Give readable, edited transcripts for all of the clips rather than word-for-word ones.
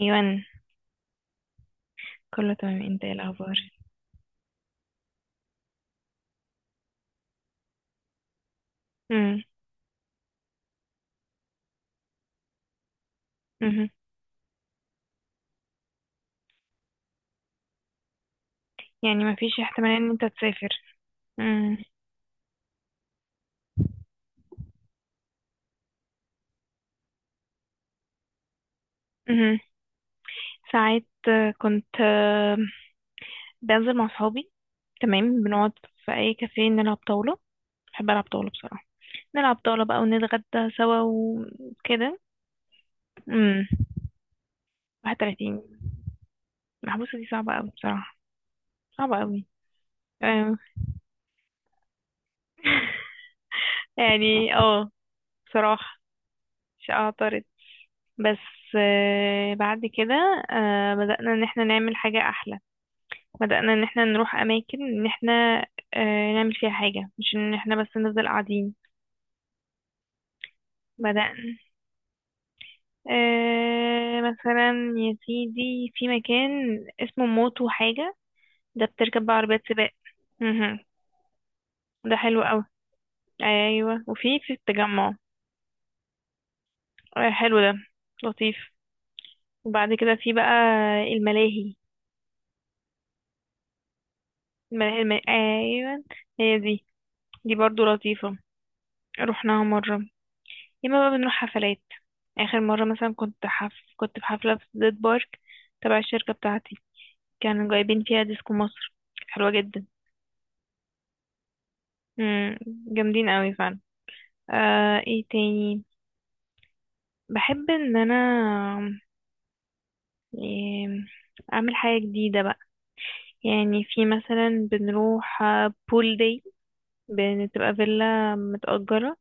ايوان. كله تمام، انت ايه الاخبار؟ امم. امم يعني ما فيش احتمال ان انت تسافر؟ امم. امم ساعات كنت بنزل مع صحابي، تمام، بنقعد في اي كافيه، نلعب طاولة. بحب العب طاولة بصراحة. نلعب طاولة بقى ونتغدى سوا وكده. امم. 31. المحبوسة دي صعبة قوي بصراحة. صعبة قوي. أيوة. يعني اه بصراحة مش اعترض. بس بعد كده بدأنا ان احنا نعمل حاجة احلى، بدأنا ان احنا نروح اماكن ان احنا نعمل فيها حاجة، مش ان احنا بس نفضل قاعدين. بدأنا. مثلا يا سيدي في مكان اسمه موتو حاجة، ده بتركب بقى عربيات سباق. مهم. ده حلو قوي. ايوه، وفي التجمع. حلو ده، لطيف. وبعد كده في بقى الملاهي. ايوه، هي دي. دي برضو لطيفة، رحناها مرة. ياما بقى بنروح حفلات. آخر مرة مثلا كنت في حفلة في زيت بارك، تبع الشركة بتاعتي، كانوا جايبين فيها ديسكو مصر، كانت حلوة جدا. مم. جامدين قوي فعلا. ايه تاني؟ بحب ان انا إيه... اعمل حاجة جديدة بقى. يعني في مثلا بنروح بول داي، بتبقى فيلا متأجرة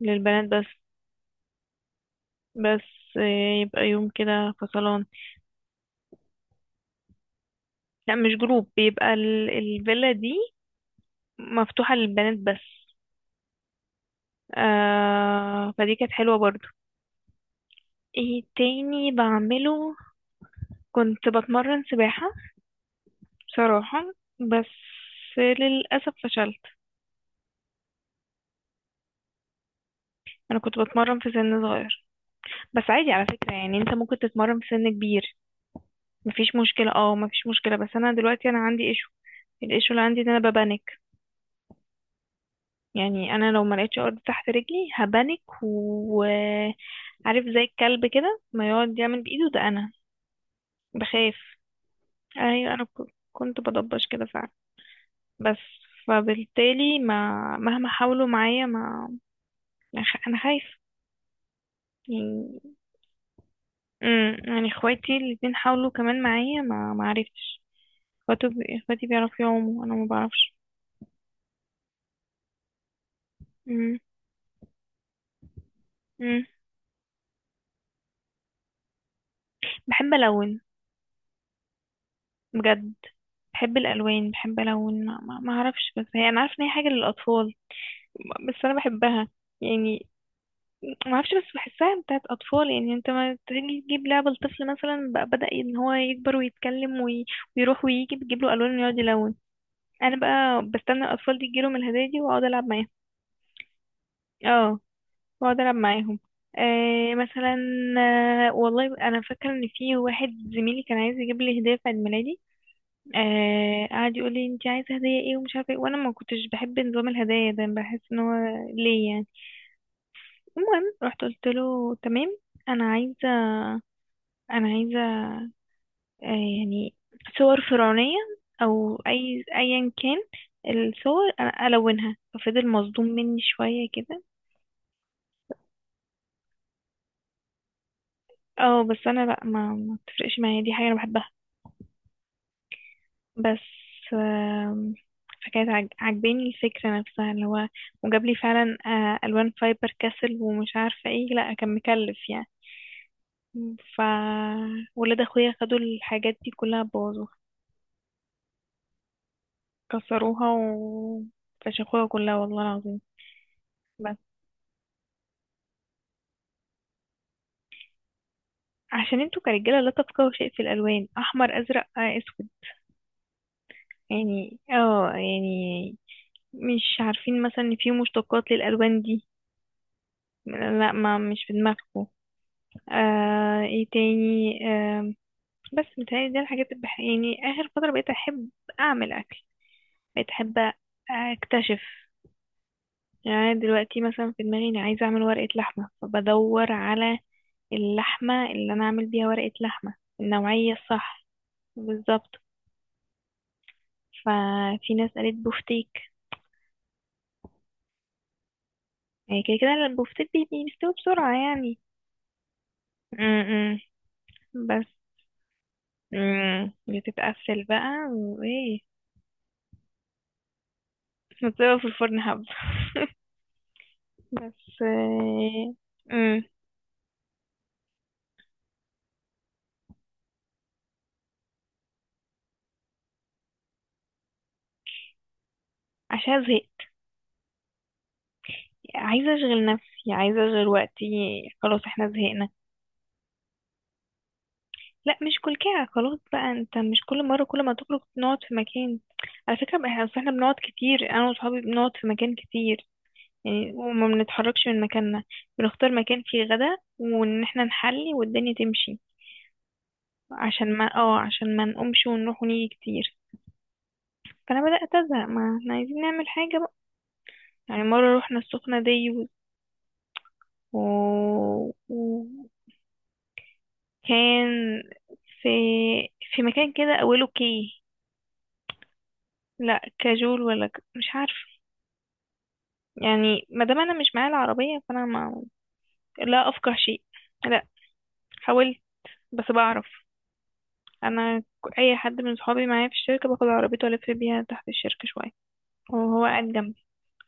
للبنات بس. بس يبقى يوم كده فصلان. لا مش جروب، بيبقى الفيلا دي مفتوحة للبنات بس. آه فدي كانت حلوة برضو. ايه تاني بعمله؟ كنت بتمرن سباحة بصراحة، بس للأسف فشلت. أنا كنت بتمرن في سن صغير، بس عادي على فكرة، يعني أنت ممكن تتمرن في سن كبير، مفيش مشكلة. اه مفيش مشكلة. بس أنا دلوقتي أنا عندي ايشو، الايشو اللي عندي إن أنا ببانك. يعني انا لو ما لقيتش ارض تحت رجلي هبانك، وعارف زي الكلب كده ما يقعد يعمل بايده، ده انا بخاف. ايوه انا كنت بضبش كده فعلا. بس فبالتالي ما مهما حاولوا معايا ما ما خ- انا خايف يعني. يعني اخواتي الاتنين حاولوا كمان معايا، ما ما عرفتش. اخواتي، اخواتي بيعرفوا يعوموا، انا ما بعرفش. امم. امم. بحب الون بجد. بحب الالوان، بحب الون، ما اعرفش، بس هي انا عارفه ان هي حاجه للاطفال، بس انا بحبها يعني. ما اعرفش، بس بحسها بتاعت اطفال، يعني انت ما تيجي تجيب لعبه لطفل مثلا بقى، بدا ان هو يكبر ويتكلم ويروح ويجي، بتجيب له الوان ويقعد يلون. انا بقى بستنى الاطفال دي تجيلهم الهدايا دي واقعد العب معاهم. اه واقعد العب معاهم. مثلا. آه والله انا فاكره ان في واحد زميلي كان عايز يجيب لي هديه في عيد ميلادي، قعد يقول لي انت عايزه هديه ايه ومش عارفه ايه، وانا ما كنتش بحب نظام الهدايا ده، بحس ان هو ليه يعني. المهم رحت قلت له تمام، انا عايزه، انا عايزه آه يعني صور فرعونيه او اي ايا كان. الصور انا الونها، ففضل مصدوم مني شويه كده. اه بس انا لا، ما بتفرقش معايا، دي حاجه انا بحبها. بس آم، فكانت عجباني الفكرة نفسها، اللي هو وجاب لي فعلا ألوان فايبر كاسل ومش عارفة ايه، لا كان مكلف يعني. مم. ولاد اخويا خدوا الحاجات دي كلها، بوظوها، كسروها و فشخوها كلها والله العظيم. بس عشان انتوا كرجالة لا تفقهوا شيء في الألوان، أحمر أزرق أسود، يعني اه يعني مش عارفين مثلا ان في مشتقات للألوان دي. لا، ما مش في دماغكم. ايه تاني؟ بس متهيألي دي الحاجات اللي يعني آخر فترة بقيت أحب أعمل أكل، بقيت أحب أكتشف. يعني أنا دلوقتي مثلا في دماغي أنا عايزة أعمل ورقة لحمة، فبدور على اللحمة اللي أنا أعمل بيها ورقة لحمة، النوعية الصح. بالظبط. ففي ناس قالت بوفتيك. يعني كده كده البوفتيك بيستوي بسرعة يعني. م -م. بس بتتقفل بقى وإيه، بتسيبها في الفرن حبة بس آه، امم عشان زهقت، عايزة اشغل نفسي، عايزة اشغل وقتي، خلاص احنا زهقنا. لا مش كل كده خلاص بقى، انت مش كل مرة كل ما تخرج نقعد في مكان. على فكرة بقى احنا، أصل إحنا بنقعد كتير، انا وصحابي بنقعد في مكان كتير يعني، وما بنتحركش من مكاننا. بنختار مكان فيه غدا وان احنا نحلي والدنيا تمشي. عشان ما اه عشان ما نقومش ونروح ونيجي كتير. فانا بدأت ازهق، ما احنا عايزين نعمل حاجة بقى. يعني مرة روحنا السخنة دي، وكان في مكان كده أوله كي. لا كاجول ولا مش عارفة. يعني ما دام أنا مش معايا العربية فأنا ما... لا أفقه شيء. لا، حاولت بس بعرف. أنا أي حد من صحابي معايا في الشركة باخد عربيته، ألف بيها تحت الشركة شوية وهو قاعد جنبي،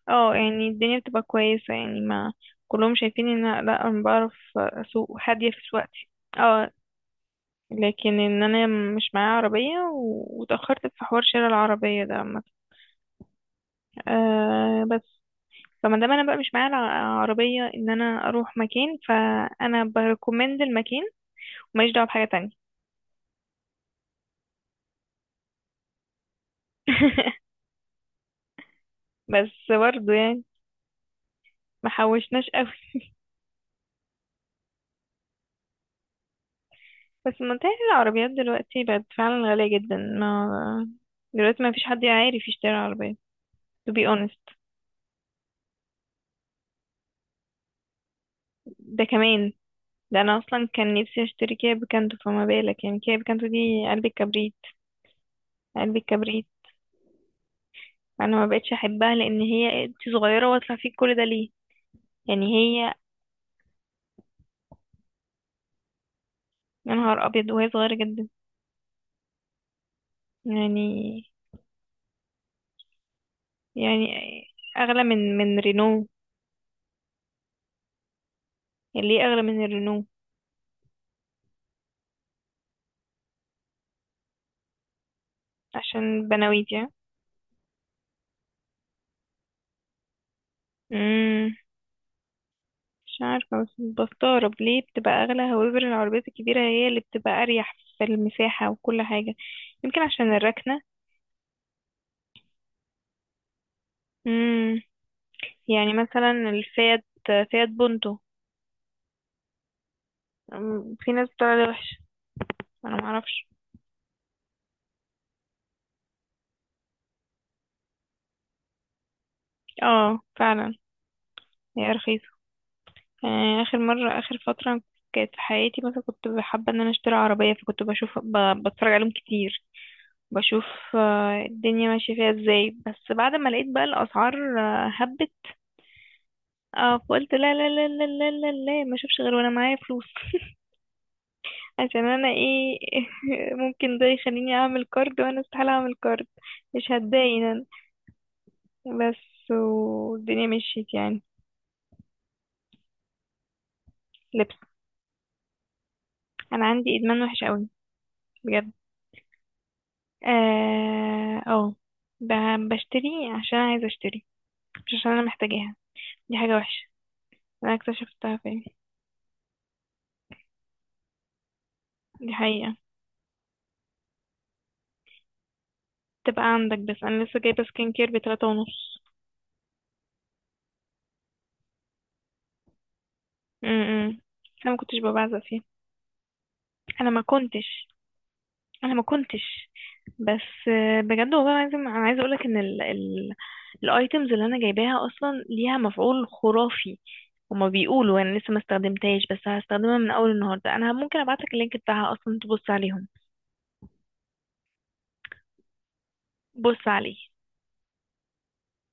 اه يعني الدنيا بتبقى كويسة يعني. ما كلهم شايفين ان لا انا بعرف اسوق، هادية في سواقتي. اه، لكن ان انا مش معايا عربية، واتأخرت في حوار شراء العربية ده عامة. أه بس، فما دام انا بقى مش معايا عربية، ان انا اروح مكان، فانا بريكومند المكان وماليش دعوة بحاجة تانية. بس برضه يعني ما حوشناش قوي. بس منتهي العربيات دلوقتي بقت فعلا غالية جدا، ما دلوقتي ما فيش حد عارف يشتري عربية. to be honest. ده كمان. ده انا اصلا كان نفسي اشتري كيا بيكانتو، فما بالك يعني كيا بيكانتو دي قلب الكبريت. قلب الكبريت. انا ما بقتش احبها، لان هي انت صغيره واطلع فيك كل ده ليه؟ يعني هي يا نهار ابيض وهي صغيره جدا. يعني، يعني اغلى من رينو. يعني ليه اغلى من الرينو؟ عشان بناويت يعني. امم. مش عارفه، بس بستغرب ليه بتبقى اغلى، هوايبر العربيات الكبيره هي اللي بتبقى اريح في المساحه وكل حاجه. يمكن عشان الركنه. امم. يعني مثلا الفيات، فيات بونتو. أمم، في ناس بتقول عليها وحش، انا معرفش. اه فعلا. هي رخيصه يعني. اخر مره، اخر فتره كانت في حياتي، مثلا كنت حابه ان انا اشتري عربيه، فكنت بشوف بتفرج عليهم كتير، بشوف الدنيا ماشيه فيها ازاي. بس بعد ما لقيت بقى الاسعار هبت، اه فقلت لا لا لا لا لا لا لا ما اشوفش غير وانا معايا فلوس. عشان انا ايه ممكن ده يخليني اعمل كارد، وانا استحاله اعمل كارد، مش هتضايق انا. بس والدنيا مشيت يعني. لبس. انا عندي ادمان وحش قوي. بجد. اه أو بشتري عشان عايزة اشتري، مش عشان انا محتاجاها، دي حاجة وحشة. انا اكتشفتها فين؟ دي حقيقة، تبقى عندك. بس انا لسه جايبة سكين كير بتلاتة ونص. امم. انا ما كنتش ببعزق فيه. انا ما كنتش انا ما كنتش. بس بجد والله العظيم انا عايزه اقولك ان ال الايتمز اللي انا جايباها اصلا ليها مفعول خرافي. هما بيقولوا، انا لسه ما استخدمتهاش، بس هستخدمها من اول النهارده. انا ممكن ابعتلك اللينك بتاعها اصلا تبص عليهم، بص عليه.